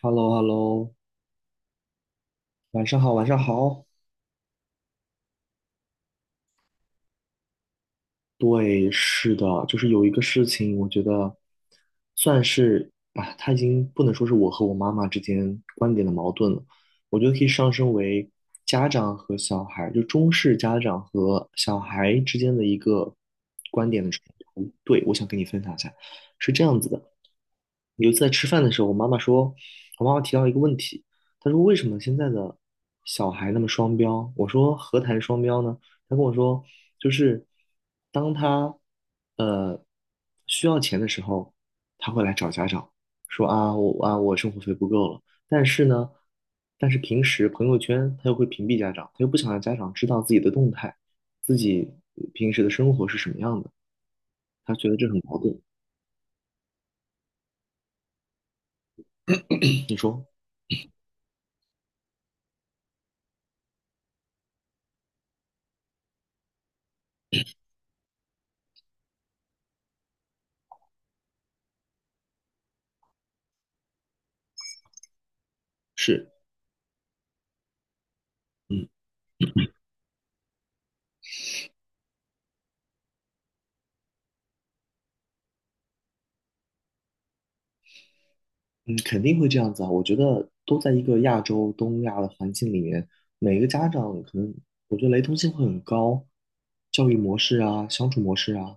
h e l l o h e l l o 晚上好，晚上好。对，是的，就是有一个事情，我觉得算是啊，它已经不能说是我和我妈妈之间观点的矛盾了，我觉得可以上升为家长和小孩，就中式家长和小孩之间的一个观点的冲突。对，我想跟你分享一下，是这样子的，有一次在吃饭的时候，我妈妈说，我妈妈提到一个问题，她说为什么现在的小孩那么双标？我说何谈双标呢？他跟我说，就是当他呃需要钱的时候，他会来找家长说啊，我生活费不够了。但是呢，但是平时朋友圈他又会屏蔽家长，他又不想让家长知道自己的动态，自己平时的生活是什么样的，他觉得这很矛盾。你说是？嗯。嗯，肯定会这样子啊！我觉得都在一个亚洲、东亚的环境里面，每个家长可能，我觉得雷同性会很高，教育模式啊、相处模式啊，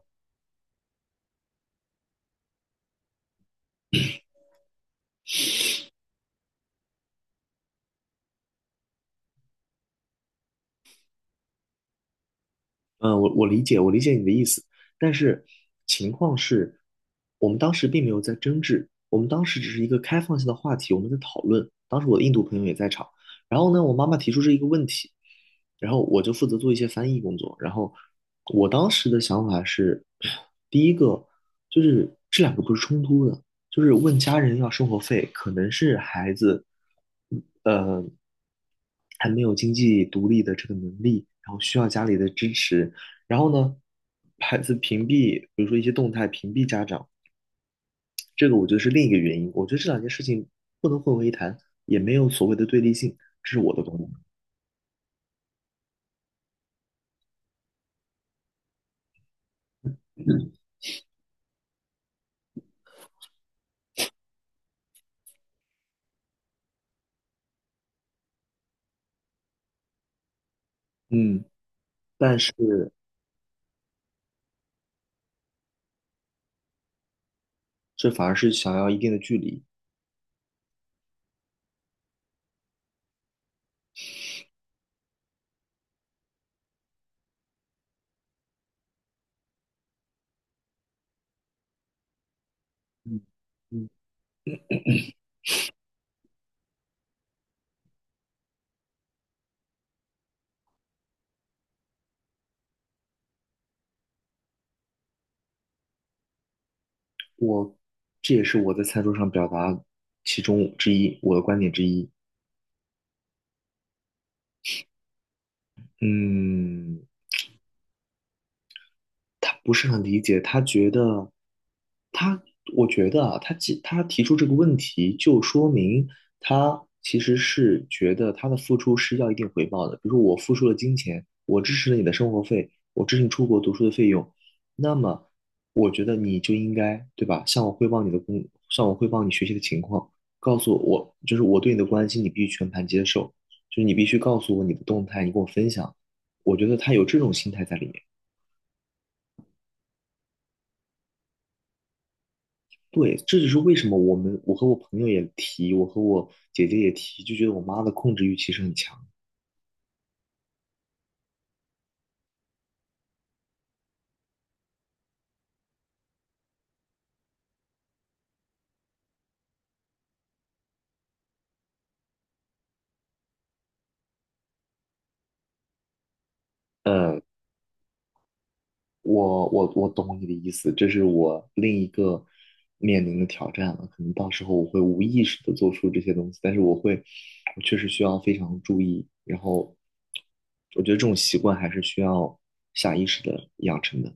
嗯，我理解，我理解你的意思，但是情况是，我们当时并没有在争执，我们当时只是一个开放性的话题，我们在讨论。当时我的印度朋友也在场，然后呢，我妈妈提出这一个问题，然后我就负责做一些翻译工作。然后我当时的想法是，第一个就是这两个不是冲突的，就是问家人要生活费，可能是孩子，嗯呃，还没有经济独立的这个能力，然后需要家里的支持。然后呢，孩子屏蔽，比如说一些动态屏蔽家长，这个我觉得是另一个原因。我觉得这两件事情不能混为一谈，也没有所谓的对立性，这是我的观点。嗯嗯，但是这反而是想要一定的距离。嗯嗯，我这也是我在餐桌上表达其中之一，我的观点之一。嗯，他不是很理解，他觉得，他，我觉得啊，他提出这个问题，就说明他其实是觉得他的付出是要一定回报的。比如说，我付出了金钱，我支持了你的生活费，我支持你出国读书的费用，那么我觉得你就应该，对吧？向我汇报你学习的情况，告诉我，就是我对你的关心，你必须全盘接受，就是你必须告诉我你的动态，你跟我分享。我觉得他有这种心态在里面。对，这就是为什么我们我和我朋友也提，我和我姐姐也提，就觉得我妈的控制欲其实很强。呃，我懂你的意思，这是我另一个面临的挑战了。可能到时候我会无意识的做出这些东西，但是我会，我确实需要非常注意。然后，我觉得这种习惯还是需要下意识的养成的。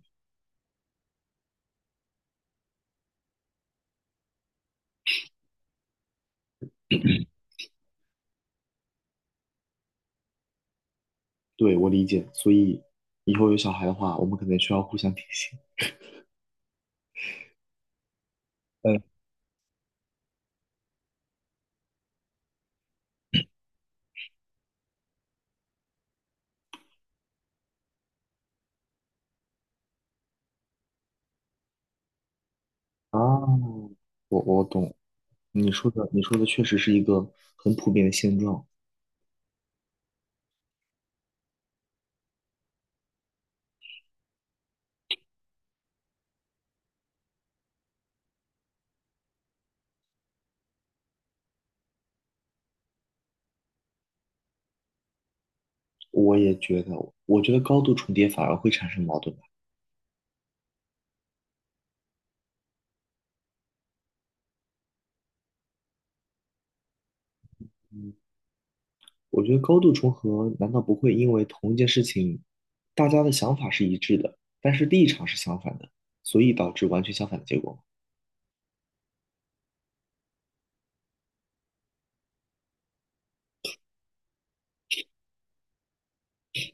对，我理解。所以以后有小孩的话，我们可能需要互相提醒。嗯啊，我懂。你说的确实是一个很普遍的现状。我也觉得，我觉得高度重叠反而会产生矛盾吧。嗯，我觉得高度重合难道不会因为同一件事情，大家的想法是一致的，但是立场是相反的，所以导致完全相反的结果吗？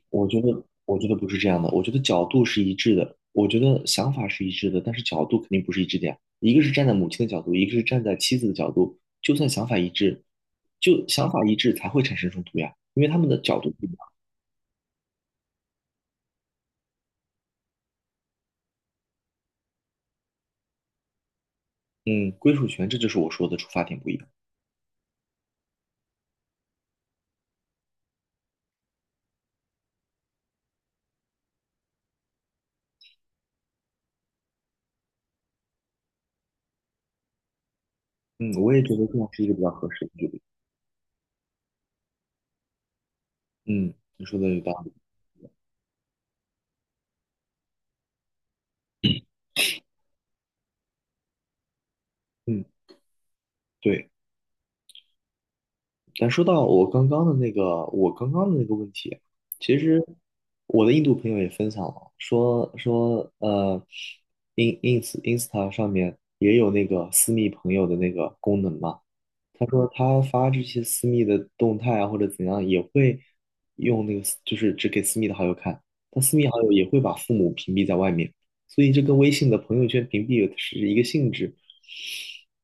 我觉得不是这样的。我觉得角度是一致的，我觉得想法是一致的，但是角度肯定不是一致的呀。一个是站在母亲的角度，一个是站在妻子的角度。就想法一致才会产生冲突呀，因为他们的角度不一样。嗯，归属权，这就是我说的出发点不一样。嗯，我也觉得这样是一个比较合适的距离。嗯，你说的有道理。嗯，对。咱说到我刚刚的那个，我刚刚的那个问题，其实我的印度朋友也分享了，说说,Insta 上面也有那个私密朋友的那个功能嘛，他说他发这些私密的动态啊，或者怎样，也会用那个私，就是只给私密的好友看。他私密好友也会把父母屏蔽在外面，所以这跟微信的朋友圈屏蔽是一个性质。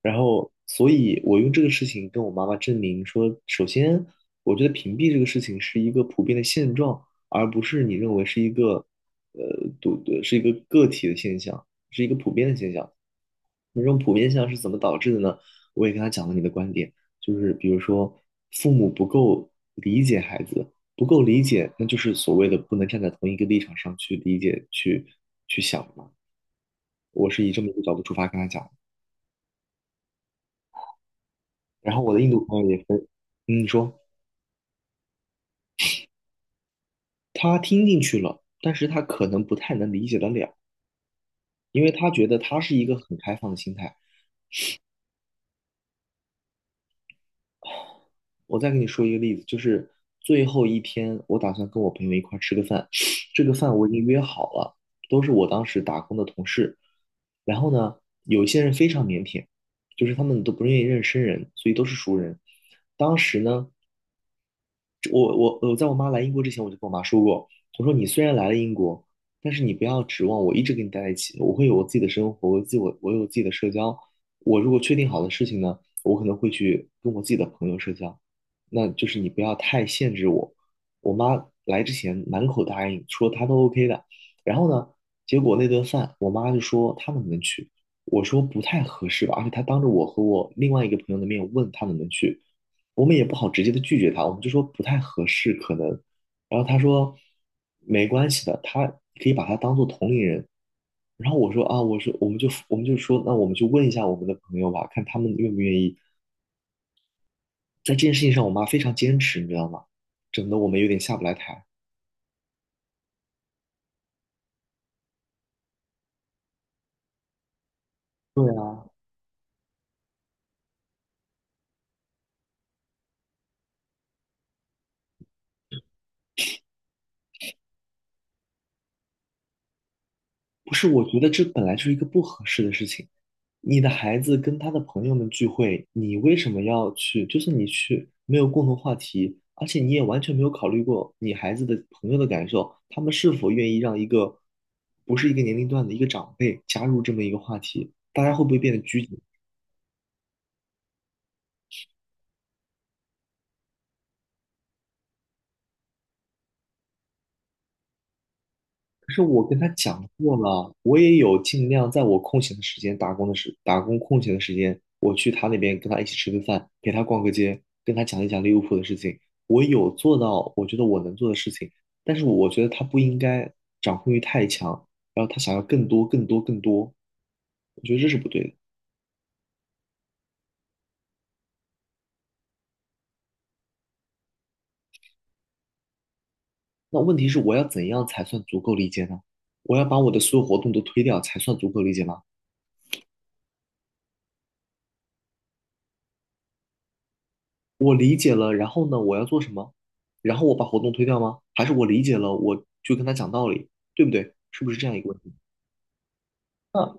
然后，所以我用这个事情跟我妈妈证明说，首先，我觉得屏蔽这个事情是一个普遍的现状，而不是你认为是一个个体的现象，是一个普遍的现象。那这种普遍现象是怎么导致的呢？我也跟他讲了你的观点，就是比如说父母不够理解孩子，不够理解，那就是所谓的不能站在同一个立场上去理解、去去想嘛。我是以这么一个角度出发跟他讲，然后我的印度朋友嗯，说他听进去了，但是他可能不太能理解得了，因为他觉得他是一个很开放的心态，我再给你说一个例子，就是最后一天，我打算跟我朋友一块儿吃个饭，这个饭我已经约好了，都是我当时打工的同事。然后呢，有一些人非常腼腆，就是他们都不愿意认识生人，所以都是熟人。当时呢，我在我妈来英国之前，我就跟我妈说过，我说你虽然来了英国，但是你不要指望我一直跟你待在一起，我会有我自己的生活，我有自己的社交。我如果确定好的事情呢，我可能会去跟我自己的朋友社交，那就是你不要太限制我。我妈来之前满口答应说她都 OK 的，然后呢，结果那顿饭我妈就说她能不能去，我说不太合适吧，而且她当着我和我另外一个朋友的面问她能不能去。我们也不好直接的拒绝他，我们就说不太合适，可能。然后他说没关系的，他可以把他当做同龄人。然后我说啊，我说我们就说，那我们就问一下我们的朋友吧，看他们愿不愿意。在这件事情上，我妈非常坚持，你知道吗？整得我们有点下不来台。对啊。不是，我觉得这本来就是一个不合适的事情。你的孩子跟他的朋友们聚会，你为什么要去？就是你去没有共同话题，而且你也完全没有考虑过你孩子的朋友的感受，他们是否愿意让一个不是一个年龄段的一个长辈加入这么一个话题，大家会不会变得拘谨？可是我跟他讲过了，我也有尽量在我空闲的时间、打工空闲的时间，我去他那边跟他一起吃个饭，陪他逛个街，跟他讲一讲利物浦的事情。我有做到，我觉得我能做的事情，但是我觉得他不应该掌控欲太强，然后他想要更多、更多、更多，我觉得这是不对的。那问题是，我要怎样才算足够理解呢？我要把我的所有活动都推掉才算足够理解吗？我理解了，然后呢，我要做什么？然后我把活动推掉吗？还是我理解了，我就跟他讲道理，对不对？是不是这样一个问题？嗯，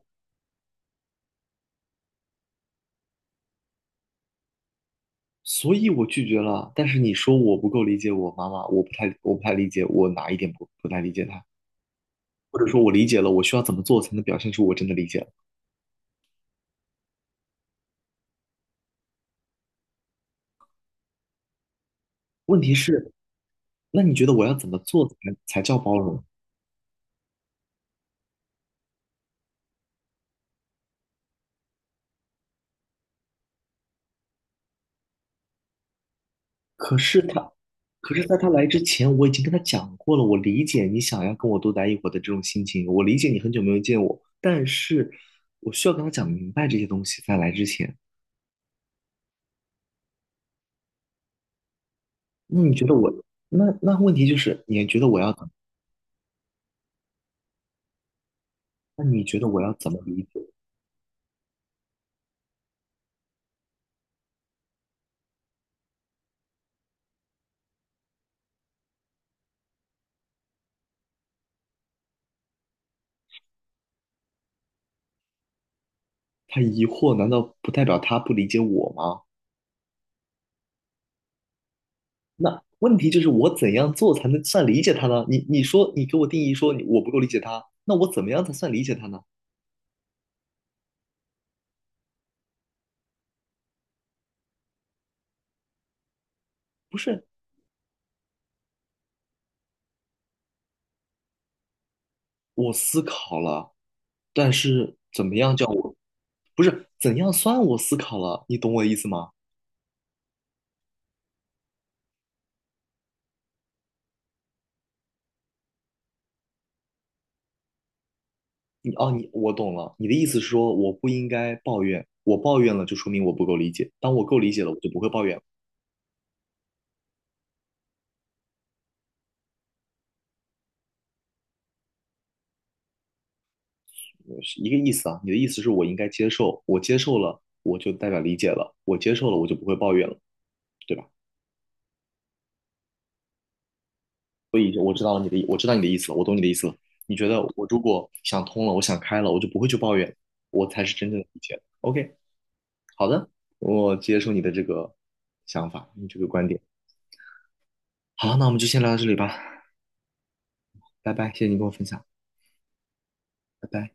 所以我拒绝了，但是你说我不够理解我妈妈，我不太理解我哪一点不太理解她，或者说我理解了，我需要怎么做才能表现出我真的理解了？问题是，那你觉得我要怎么做才叫包容？可是他，可是在他来之前，我已经跟他讲过了。我理解你想要跟我多待一会儿的这种心情，我理解你很久没有见我，但是我需要跟他讲明白这些东西，在来之前。那你觉得我，那问题就是，你觉得我要怎么那你觉得我要怎么理解？他疑惑，难道不代表他不理解我吗？那问题就是，我怎样做才能算理解他呢？你说，你给我定义说你我不够理解他，那我怎么样才算理解他呢？不是，我思考了。但是怎么样叫我，不是怎样算我思考了，你懂我的意思吗？哦，你我懂了，你的意思是说我不应该抱怨，我抱怨了就说明我不够理解，当我够理解了，我就不会抱怨了是一个意思啊。你的意思是我应该接受，我接受了，我就代表理解了，我接受了，我就不会抱怨了，对吧？所以我知道你的，我知道你的意思了，我懂你的意思了。你觉得我如果想通了，我想开了，我就不会去抱怨，我才是真正的理解。OK。好的，我接受你的这个想法，你这个观点。好，那我们就先聊到这里吧，拜拜，谢谢你跟我分享，拜拜。